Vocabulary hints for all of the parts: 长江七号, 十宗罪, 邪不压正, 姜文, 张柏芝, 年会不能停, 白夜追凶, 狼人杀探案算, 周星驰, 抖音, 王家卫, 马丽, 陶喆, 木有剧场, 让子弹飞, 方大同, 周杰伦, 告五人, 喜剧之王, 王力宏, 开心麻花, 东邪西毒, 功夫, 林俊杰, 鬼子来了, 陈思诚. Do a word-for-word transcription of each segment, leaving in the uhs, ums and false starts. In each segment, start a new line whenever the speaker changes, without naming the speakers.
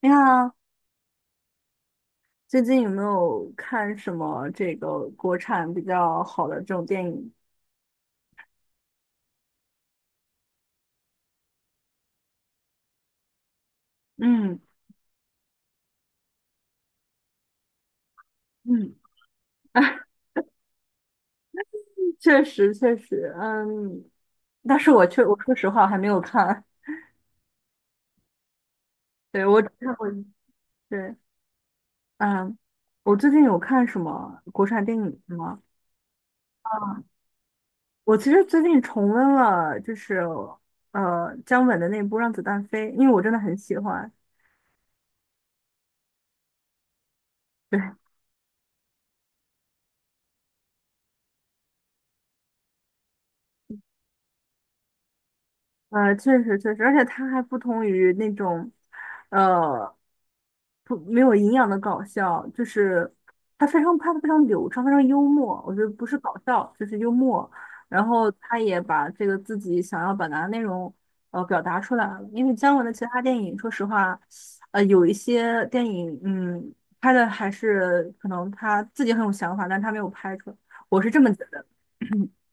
你好，最近有没有看什么这个国产比较好的这种电影？嗯嗯，确实确实，嗯，但是我确我说实话我还没有看。对，我只看过一。对，嗯，我最近有看什么国产电影吗？啊，我其实最近重温了，就是呃姜文的那部《让子弹飞》，因为我真的很喜欢。对呃，确实确实，而且他还不同于那种，呃，不没有营养的搞笑，就是他非常拍的非常流畅，非常幽默。我觉得不是搞笑，就是幽默。然后他也把这个自己想要表达的内容，呃，表达出来了。因为姜文的其他电影，说实话，呃，有一些电影，嗯，拍的还是可能他自己很有想法，但他没有拍出来。我是这么觉得。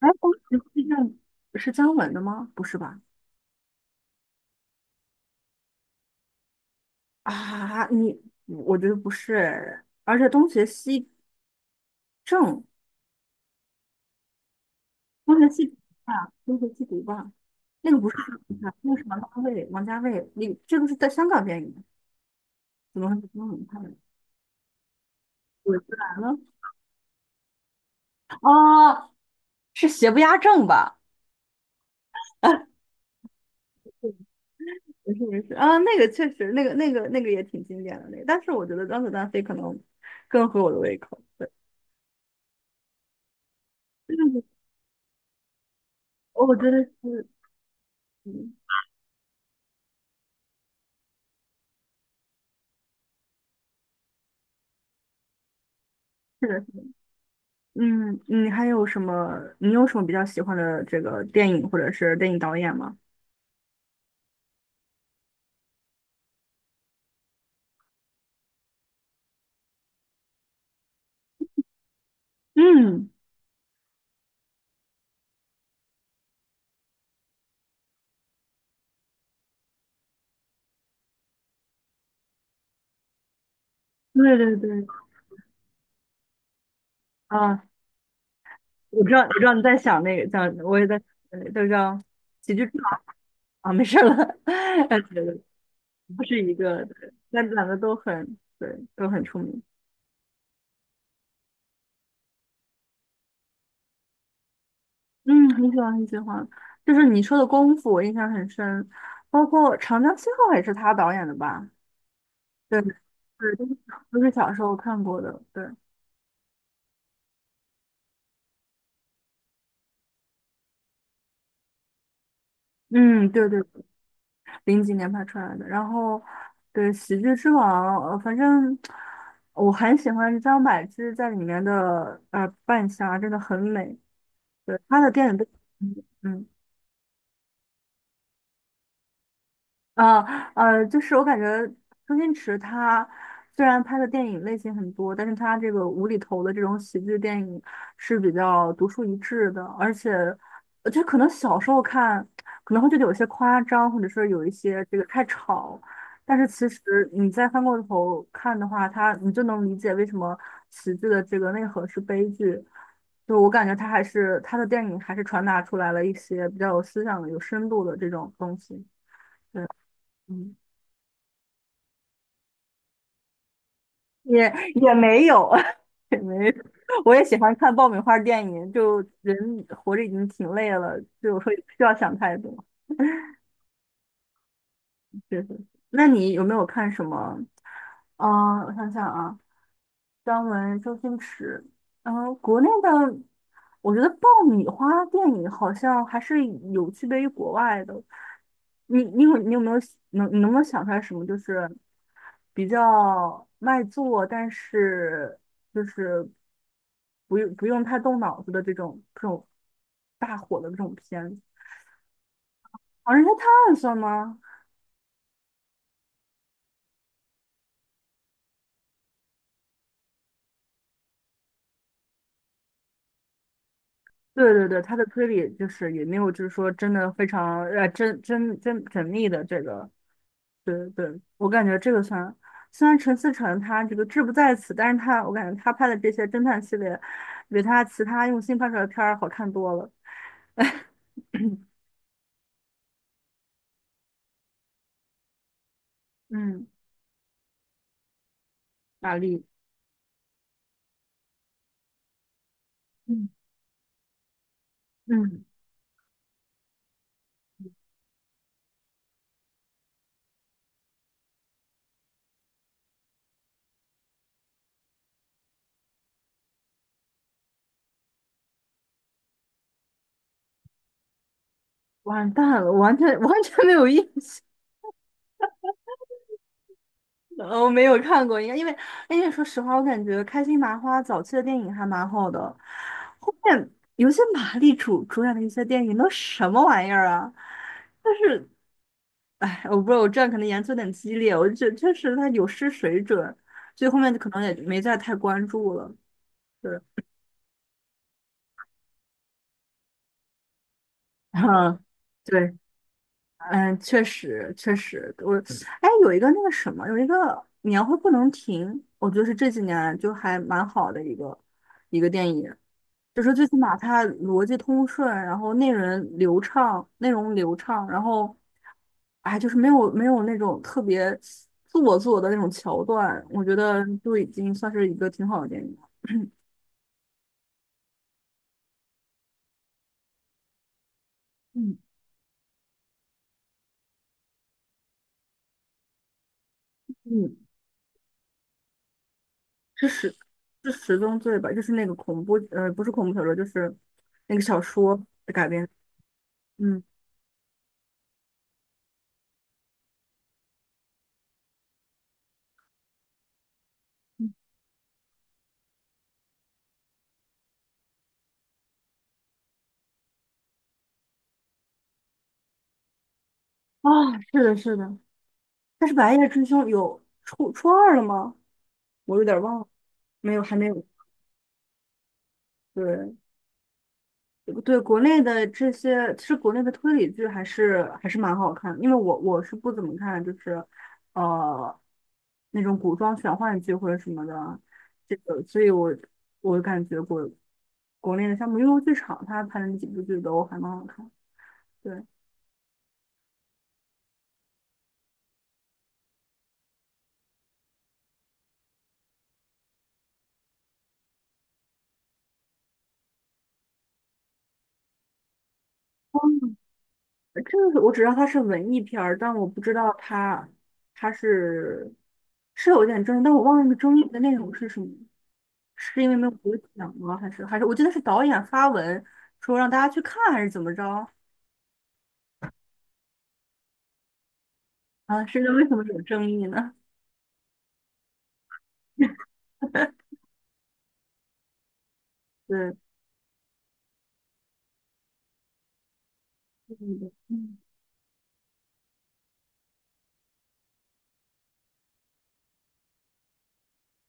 哎，当时地震是姜文的吗？不是吧？啊，你嗯我觉得不是，而且东邪西正，东邪西毒吧，东邪西毒吧，那个不是神探，那个是王家卫，王家卫，你这个是在香港电影，怎么会是中文看的？鬼子来了。哦，是邪不压正吧？啊，不是不是啊，那个确实，那个那个那个也挺经典的那个，但是我觉得《让子弹飞》可能更合我的胃口。对。就是我觉得是，嗯。嗯，你还有什么？你有什么比较喜欢的这个电影或者是电影导演吗？嗯，对对对，啊，我知道，我知道你在想那个，想我也在，呃都叫喜剧之王啊。没事了。呃对对。不是一个，对那两个都很，对，都很出名。嗯，很喜欢，很喜欢。就是你说的《功夫》，我印象很深，包括《长江七号》也是他导演的吧？对，对，都是小都是小时候看过的。对，嗯，对对。零几年拍出来的。然后对《喜剧之王》，呃，反正我很喜欢张柏芝在里面的呃扮相啊，真的很美。对，她的电影都，嗯。嗯啊，呃，就是我感觉周星驰他虽然拍的电影类型很多，但是他这个无厘头的这种喜剧电影是比较独树一帜的，而且呃就可能小时候看可能会觉得有些夸张，或者是有一些这个太吵，但是其实你再翻过头看的话，他你就能理解为什么喜剧的这个内核是悲剧。就我感觉他还是他的电影还是传达出来了一些比较有思想的、有深度的这种东西。嗯。也也没有，也没有，我也喜欢看爆米花电影。就人活着已经挺累了，就会不需要想太多。确实。那你有没有看什么？嗯、我想想啊，张文、周星驰，然后国内的，我觉得爆米花电影好像还是有区别于国外的。你你有你有没有能你能不能想出来什么就是比较卖座，但是就是不用不用太动脑子的这种这种大火的这种片子？《狼人杀探案算》吗？对对对，他的推理就是也没有，就是说真的非常呃，真真真缜密的这个。对对，我感觉这个算。虽然陈思诚他这个志不在此，但是他我感觉他拍的这些侦探系列，比他其他用心拍出来的片儿好看多了。嗯，玛丽，嗯嗯，完蛋了，完全 完全没有印象。呃我没有看过，应该因为因为说实话，我感觉开心麻花早期的电影还蛮好的，后面有些马丽主主演的一些电影都什么玩意儿啊？哎，我不知道，我这样可能言辞有点激烈，我就觉得确实他有失水准，所以后面就可能也没再太关注了。对。 嗯，对，嗯，确实确实，我哎，有一个那个什么，有一个年会不能停，我觉得是这几年就还蛮好的一个一个电影。就是最起码它逻辑通顺，然后内容流畅，内容流畅，然后，哎，就是没有没有那种特别做作的那种桥段，我觉得就已经算是一个挺好的电影了。嗯嗯，是十是十宗罪吧？就是那个恐怖，呃，不是恐怖小说，就是那个小说的改编。嗯，嗯，啊，是的，是的。但是《白夜追凶》有初初二了吗？我有点忘了，没有，还没有。对。对国内的这些，其实国内的推理剧还是还是蛮好看的，因为我我是不怎么看，就是呃那种古装玄幻剧或者什么的，这个，所以我我感觉国国内的像《木有剧场》，它拍的那几部剧都还蛮好看。对。这个是我只知道它是文艺片儿，但我不知道它它是是有点争议，但我忘了那个争议的内容是什么，是因为没有得奖吗？还是还是我记得是导演发文说让大家去看，还是怎么着？啊，是为什么有争议呢？对，嗯嗯，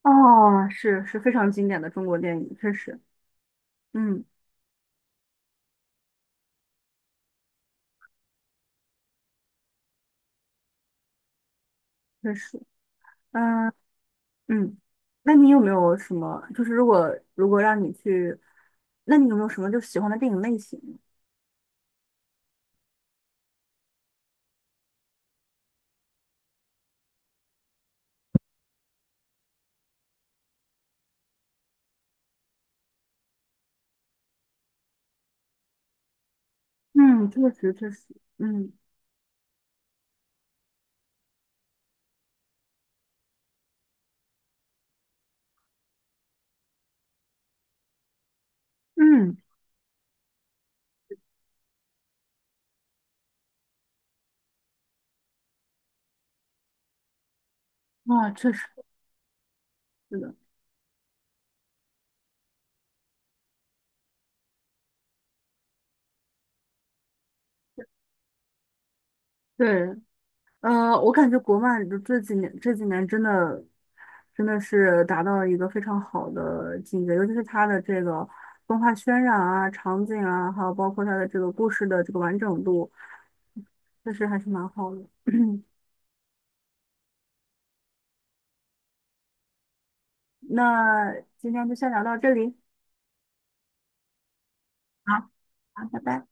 哦，是是非常经典的中国电影，确实，嗯，确实，嗯嗯，那你有没有什么，就是如果如果让你去，那你有没有什么就喜欢的电影类型？嗯，确实确实，嗯嗯，啊，确实是的，对，呃，我感觉国漫就这几年这几年真的真的是达到了一个非常好的境界，尤其是它的这个动画渲染啊、场景啊，还有包括它的这个故事的这个完整度，确实还是蛮好的。那今天就先聊到这里，好，好，拜拜。